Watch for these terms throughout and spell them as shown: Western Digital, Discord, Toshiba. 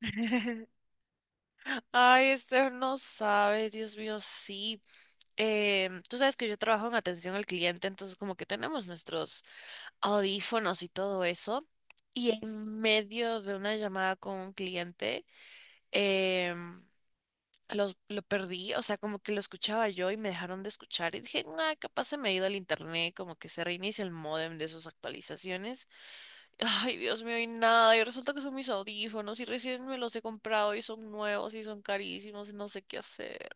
Ay, Esther, no sabes, Dios mío, sí. Tú sabes que yo trabajo en atención al cliente, entonces como que tenemos nuestros audífonos y todo eso. Y en medio de una llamada con un cliente, em, lo perdí, o sea, como que lo escuchaba yo y me dejaron de escuchar. Y dije, nada, capaz se me ha ido el internet, como que se reinicia el módem de sus actualizaciones. Ay, Dios mío, y nada. Y resulta que son mis audífonos y recién me los he comprado y son nuevos y son carísimos y no sé qué hacer.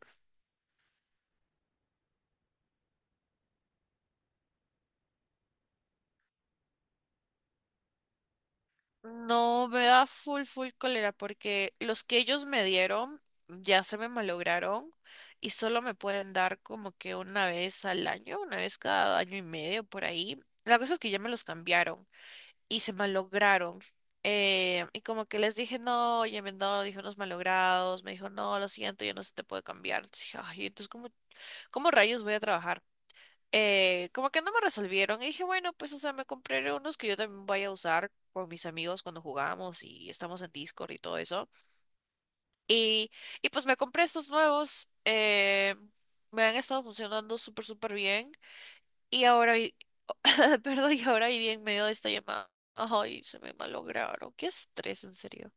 No, me da full, full cólera porque los que ellos me dieron ya se me malograron y solo me pueden dar como que una vez al año, una vez cada año y medio por ahí. La cosa es que ya me los cambiaron y se malograron. Y como que les dije, no, ya me han dado audífonos malogrados. Me dijo, no, lo siento, ya no se te puede cambiar. Entonces dije, ay, entonces, ¿cómo rayos voy a trabajar? Como que no me resolvieron y dije, bueno, pues, o sea, me compré unos que yo también voy a usar con mis amigos cuando jugamos y estamos en Discord y todo eso. Y, y pues me compré estos nuevos, me han estado funcionando súper, súper bien. Y ahora, y- perdón, y ahora y en medio de esta llamada, ay, se me malograron. Qué estrés, en serio.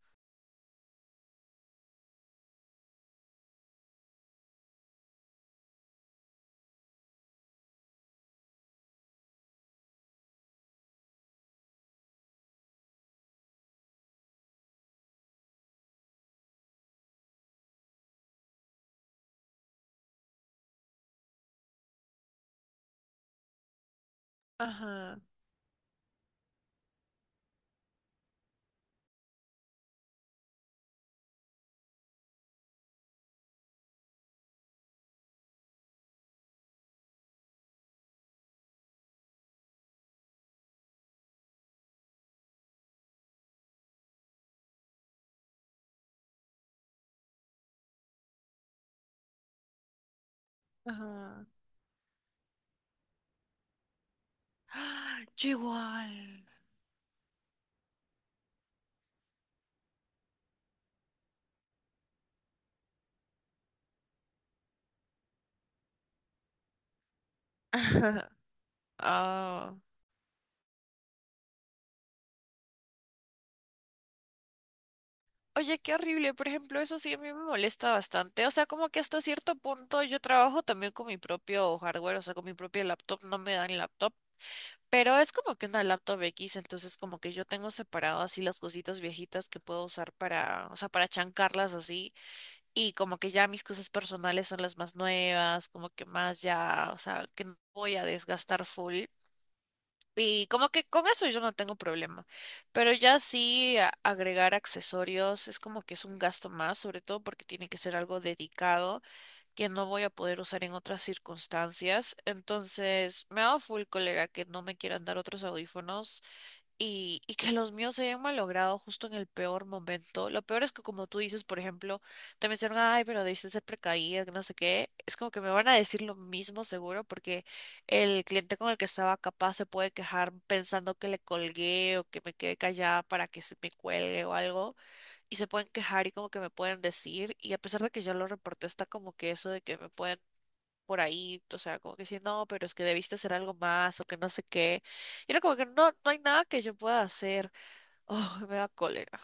Ajá, ajá. Yo igual. Ah. Oye, qué horrible. Por ejemplo, eso sí a mí me molesta bastante. O sea, como que hasta cierto punto yo trabajo también con mi propio hardware, o sea, con mi propia laptop. No me dan laptop, pero es como que una laptop X, entonces como que yo tengo separado así las cositas viejitas que puedo usar para, o sea, para chancarlas así. Y como que ya mis cosas personales son las más nuevas, como que más ya, o sea, que no voy a desgastar full. Y como que con eso yo no tengo problema. Pero ya sí agregar accesorios es como que es un gasto más, sobre todo porque tiene que ser algo dedicado que no voy a poder usar en otras circunstancias. Entonces, me da full cólera que no me quieran dar otros audífonos y que los míos se hayan malogrado justo en el peor momento. Lo peor es que como tú dices, por ejemplo, te mencionan, ay, pero debiste ser precaída, que no sé qué. Es como que me van a decir lo mismo seguro porque el cliente con el que estaba capaz se puede quejar pensando que le colgué o que me quedé callada para que se me cuelgue o algo. Y se pueden quejar y como que me pueden decir. Y a pesar de que ya lo reporté, está como que eso de que me pueden por ahí, o sea, como que decir, no, pero es que debiste hacer algo más o que no sé qué. Y era como que no, no hay nada que yo pueda hacer. Oh, me da cólera.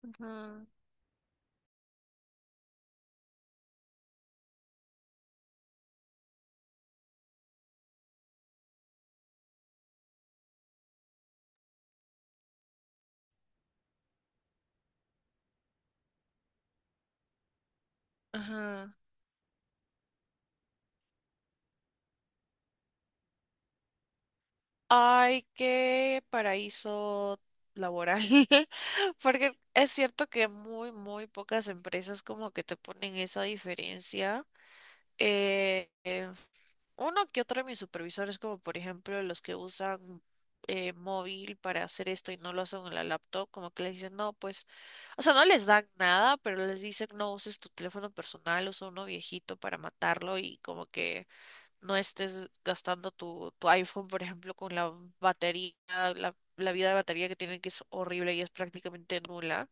Ajá, ajá. Ay, qué paraíso laboral. Porque es cierto que muy, muy pocas empresas como que te ponen esa diferencia. Eh, eh, Uno que otro de mis supervisores, como por ejemplo los que usan móvil para hacer esto y no lo hacen en la laptop, como que les dicen, no, pues, o sea, no les dan nada, pero les dicen, no uses tu teléfono personal, usa uno viejito para matarlo y como que no estés gastando tu iPhone, por ejemplo, con la batería, la vida de batería que tienen que es horrible y es prácticamente nula.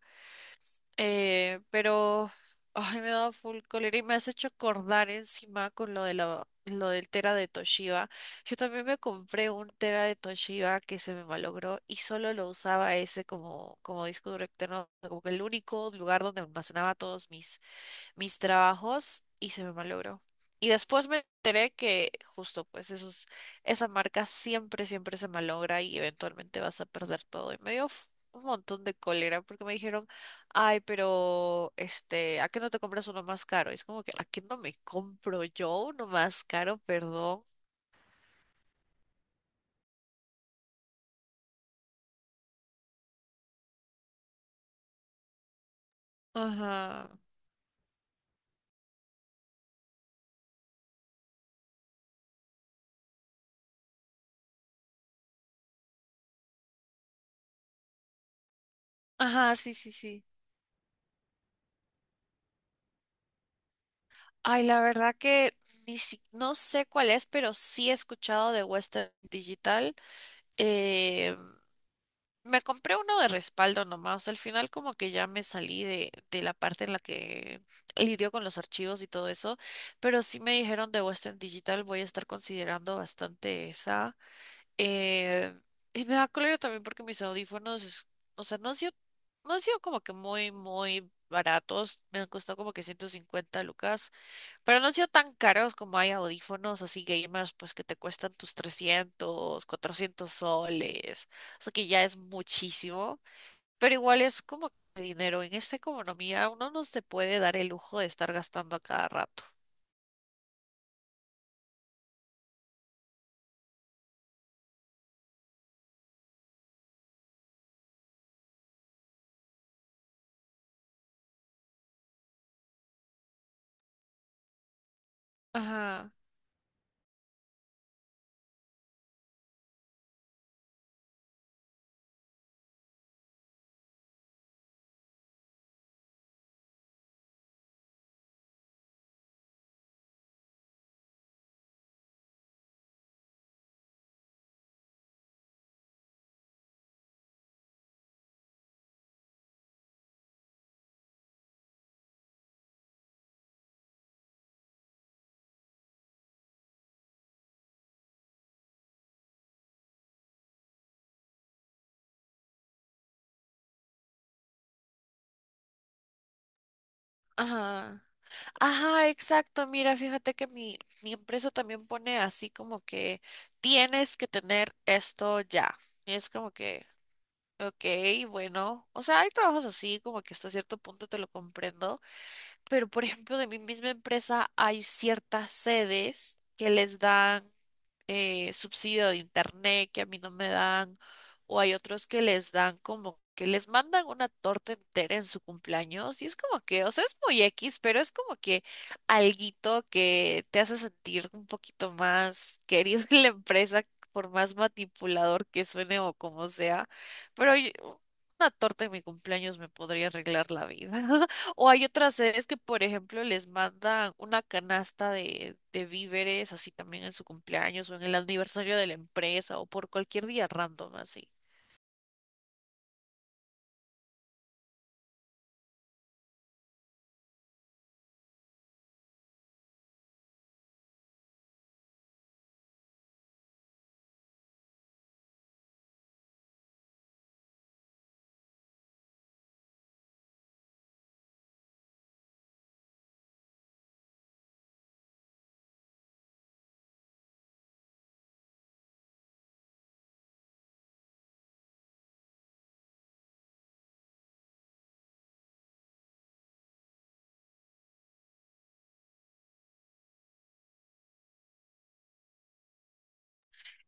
Eh, pero, ay, me da full cólera y me has hecho acordar encima con lo del tera de Toshiba. Yo también me compré un tera de Toshiba que se me malogró y solo lo usaba ese como, como disco duro externo, como que el único lugar donde almacenaba todos mis trabajos y se me malogró. Y después me enteré que justo pues esa marca siempre, siempre se malogra y eventualmente vas a perder todo. Y me dio un montón de cólera porque me dijeron, ay, pero este, ¿a qué no te compras uno más caro? Y es como que, ¿a qué no me compro yo uno más caro? Perdón. Ajá. Ajá, sí, sí, sí. Ay, la verdad que ni si- no sé cuál es, pero sí he escuchado de Western Digital. Eh, Me compré uno de respaldo nomás. Al final como que ya me salí de la parte en la que lidio con los archivos y todo eso. Pero sí me dijeron de Western Digital, voy a estar considerando bastante esa. Eh, y me da cólera también porque mis audífonos, o sea, no han sido, no han sido como que muy, muy baratos. Me han costado como que 150 lucas. Pero no han sido tan caros como hay audífonos así gamers, pues que te cuestan tus 300, 400 soles. O sea que ya es muchísimo. Pero igual es como que dinero. En esta economía uno no se puede dar el lujo de estar gastando a cada rato. Ajá, ajá. Ajá, exacto. Mira, fíjate que mi empresa también pone así como que tienes que tener esto ya. Y es como que, ok, bueno. O sea, hay trabajos así como que hasta cierto punto te lo comprendo. Pero, por ejemplo, de mi misma empresa hay ciertas sedes que les dan subsidio de internet que a mí no me dan, o hay otros que les dan como que les mandan una torta entera en su cumpleaños y es como que, o sea, es muy X, pero es como que alguito que te hace sentir un poquito más querido en la empresa, por más manipulador que suene o como sea. Pero yo- una torta en mi cumpleaños me podría arreglar la vida. O hay otras sedes que, por ejemplo, les mandan una canasta de víveres, así también en su cumpleaños o en el aniversario de la empresa o por cualquier día random, así.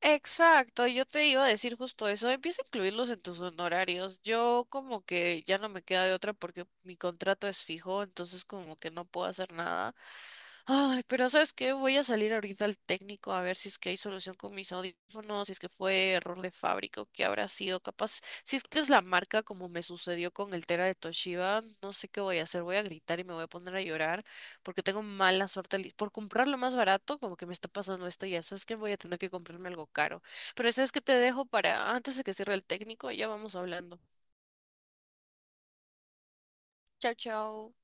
Exacto, yo te iba a decir justo eso, empieza a incluirlos en tus honorarios. Yo como que ya no me queda de otra porque mi contrato es fijo, entonces como que no puedo hacer nada. Ay, pero ¿sabes qué? Voy a salir ahorita al técnico a ver si es que hay solución con mis audífonos, si es que fue error de fábrica o qué habrá sido. Capaz, si es que es la marca como me sucedió con el Tera de Toshiba, no sé qué voy a hacer. Voy a gritar y me voy a poner a llorar porque tengo mala suerte. Por comprarlo más barato, como que me está pasando esto y ya. ¿Sabes que? Voy a tener que comprarme algo caro. Pero ¿sabes que? Te dejo para antes de que cierre el técnico y ya vamos hablando. Chao, chao.